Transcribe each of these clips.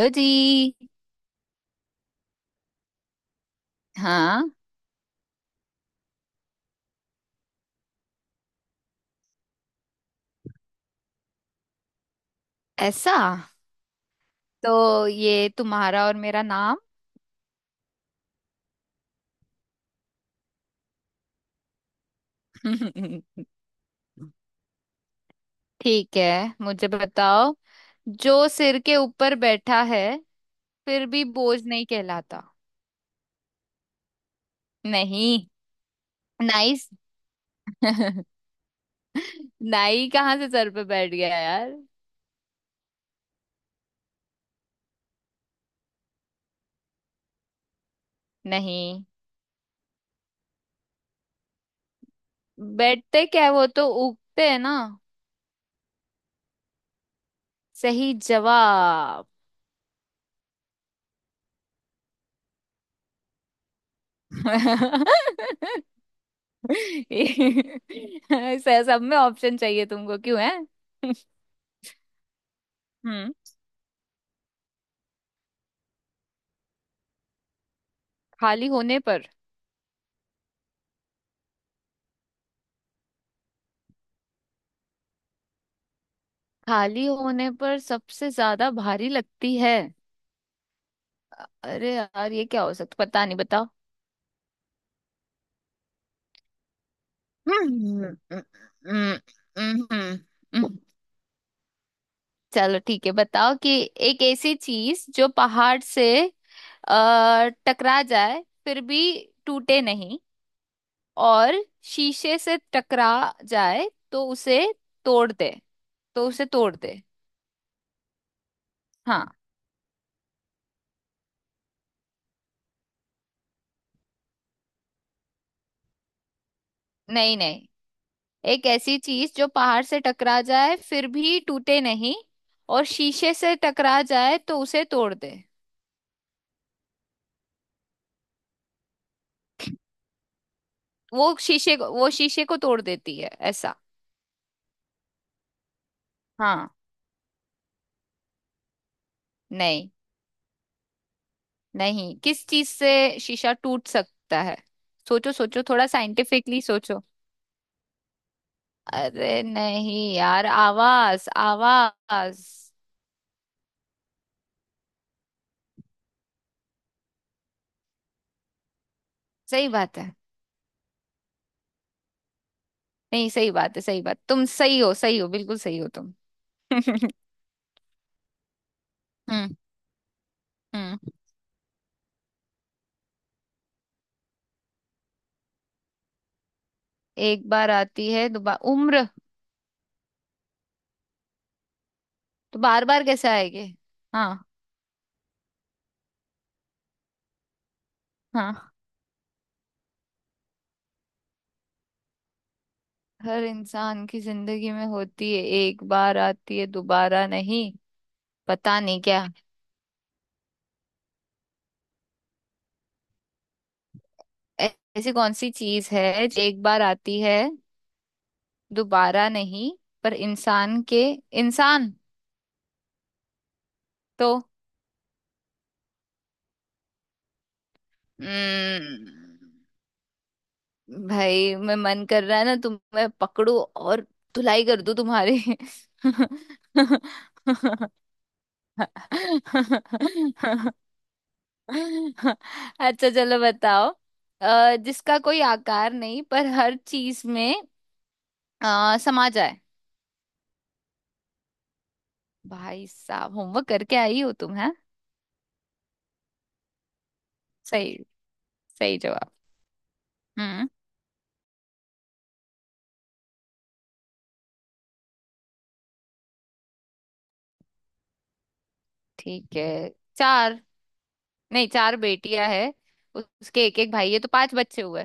लो जी। हाँ, ऐसा तो ये तुम्हारा और मेरा नाम। ठीक है, मुझे बताओ, जो सिर के ऊपर बैठा है फिर भी बोझ नहीं कहलाता। नहीं। नाइस। नाई कहाँ से सर पे बैठ गया यार। नहीं, बैठते क्या है, वो तो उगते है ना। सही जवाब। ये- सब में ऑप्शन चाहिए तुमको क्यों है। हम्म खाली होने पर। खाली होने पर सबसे ज्यादा भारी लगती है। अरे यार, ये क्या हो सकता, पता नहीं, बताओ। हम्म, हम्म, हम्म, हम्म। चलो ठीक है, बताओ कि एक ऐसी चीज जो पहाड़ से टकरा जाए फिर भी टूटे नहीं, और शीशे से टकरा जाए तो उसे तोड़ दे। तो उसे तोड़ दे। हाँ। नहीं नहीं, एक ऐसी चीज जो पहाड़ से टकरा जाए फिर भी टूटे नहीं, और शीशे से टकरा जाए तो उसे तोड़ दे। वो शीशे को तोड़ देती है ऐसा। हाँ। नहीं नहीं, किस चीज से शीशा टूट सकता है? सोचो सोचो, थोड़ा साइंटिफिकली सोचो। अरे नहीं यार, आवाज आवाज। सही बात है। नहीं, सही बात है, सही बात, तुम सही हो, सही हो, बिल्कुल सही हो तुम। हम्म हम्म। एक बार आती है दोबारा उम्र। तो बार बार कैसे आएंगे। हाँ हाँ, हर इंसान की जिंदगी में होती है, एक बार आती है दोबारा नहीं। पता नहीं क्या। ऐ- ऐसी कौन सी चीज है जो एक बार आती है दोबारा नहीं, पर इंसान के इंसान तो। हम्म, भाई, मैं मन कर रहा है ना तुम्हें पकड़ू और धुलाई कर दूं तुम्हारी। अच्छा, चलो बताओ, जिसका कोई आकार नहीं पर हर चीज में समा जाए। भाई साहब, होमवर्क करके आई हो तुम है। सही, सही जवाब। हम्म, ठीक है। चार। नहीं, चार बेटियां है, उसके एक एक भाई है तो पांच बच्चे हुए।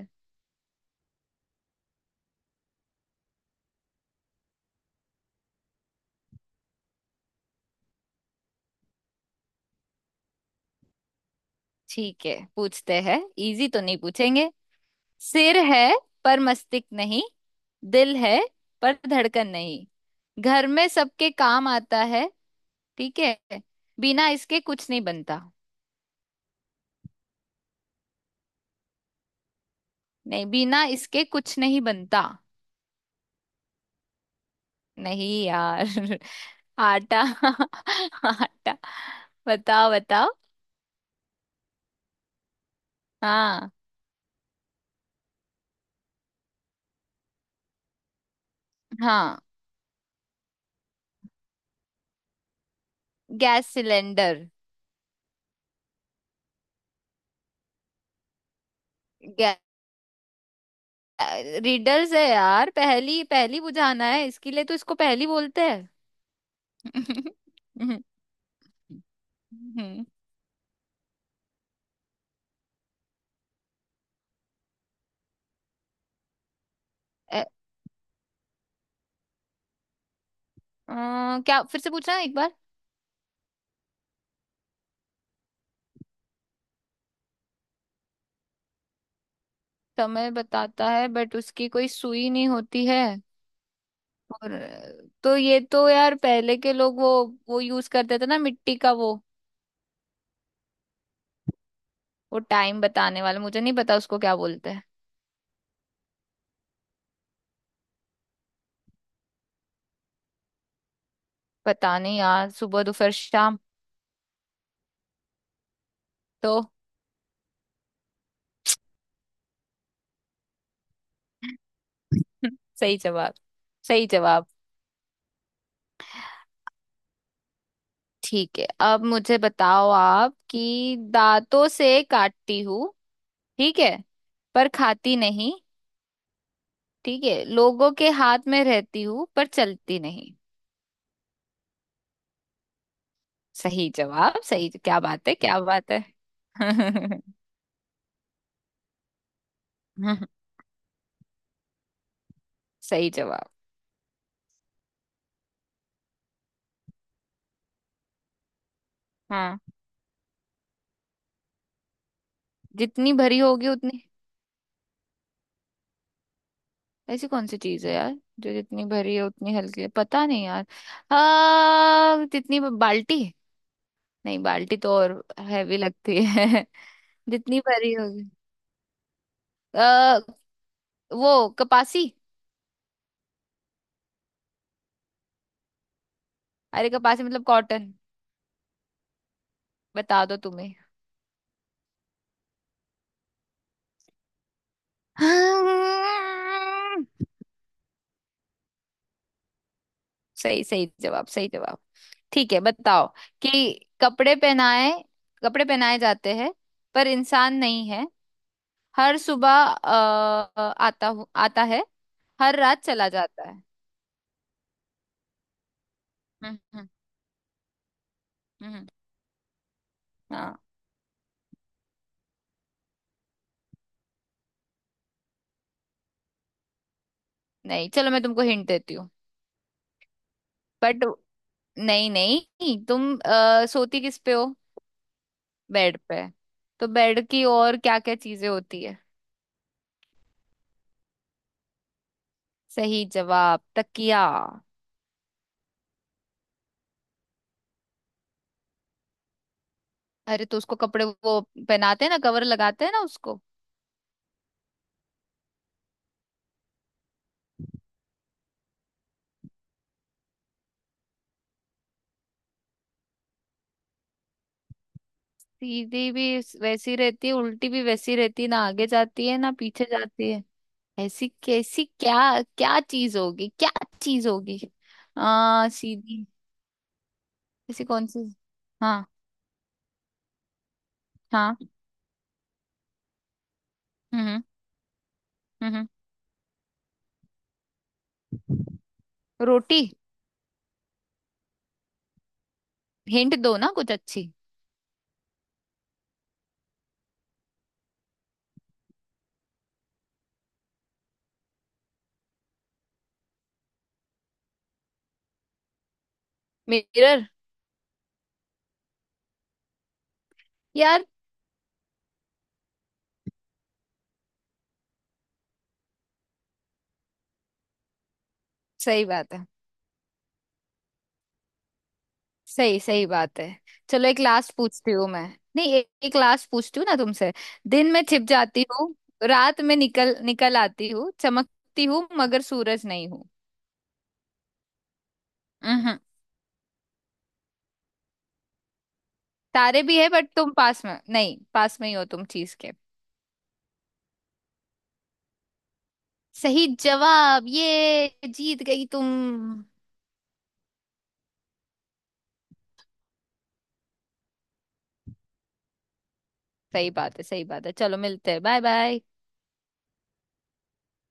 ठीक है, पूछते हैं, इजी तो नहीं पूछेंगे। सिर है पर मस्तिष्क नहीं, दिल है पर धड़कन नहीं, घर में सबके काम आता है, ठीक है, बिना इसके कुछ नहीं बनता। नहीं, बिना इसके कुछ नहीं बनता। नहीं यार। आटा। आटा। बताओ बताओ। हाँ हाँ, गैस सिलेंडर। गै... रीडर्स है यार, पहली पहली बुझाना है इसके लिए, तो इसको पहली बोलते हैं। हम्म ए- क्या, फिर से पूछना एक बार। समय बताता है बट उसकी कोई सुई नहीं होती है, और तो ये तो यार, पहले के लोग वो यूज करते थे ना मिट्टी का वो टाइम बताने वाला, मुझे नहीं पता उसको क्या बोलते हैं। पता नहीं यार, सुबह दोपहर शाम तो। सही जवाब, सही जवाब। ठीक है, अब मुझे बताओ आप, कि दांतों से काटती हूँ, ठीक है, पर खाती नहीं, ठीक है, लोगों के हाथ में रहती हूँ पर चलती नहीं। सही जवाब, सही, क्या बात है, क्या बात है। सही जवाब। हाँ, जितनी भरी होगी उतनी। ऐसी कौन सी चीज है यार, जो जितनी भरी है उतनी हल्की है, पता नहीं यार। हाँ, जितनी बाल्टी। नहीं, बाल्टी तो और हैवी लगती है। जितनी भरी होगी आ, वो कपासी। अरे, कपासी मतलब कॉटन, बता दो तुम्हें। हाँ। सही, सही जवाब, सही जवाब। ठीक है, बताओ कि कपड़े पहनाए कपड़े पहनाए जाते हैं, पर इंसान नहीं है, हर सुबह अ, आता है, हर रात चला जाता है। हम्म हम्म हम्म। हाँ। नहीं, चलो मैं तुमको हिंट देती हूँ। बट नहीं नहीं, तुम सोती किस पे हो? बेड पे। तो बेड की और क्या क्या चीजें होती है? सही जवाब, तकिया। अरे, तो उसको कपड़े वो पहनाते हैं ना, कवर लगाते हैं ना उसको। सीधी भी वैसी रहती है, उल्टी भी वैसी रहती है, ना आगे जाती है ना पीछे जाती है। ऐसी कैसी क्या? क्या चीज होगी, क्या चीज होगी? आ सीधी। ऐसी कौन सी? हाँ हाँ। हम्म हम्म हम्म। रोटी? हिंट दो ना कुछ अच्छी। मिरर। यार, सही बात है, सही सही बात है। चलो एक लास्ट पूछती हूँ मैं। नहीं, एक लास्ट पूछती हूँ ना तुमसे। दिन में छिप जाती हूँ, रात में निकल निकल आती हूँ, चमकती हूँ मगर सूरज नहीं हूँ। हम्म हम्म। तारे भी है, बट तुम पास में नहीं, पास में ही हो तुम चीज के। सही जवाब, ये जीत गई तुम। सही बात है, सही बात है, चलो मिलते हैं। Bye bye.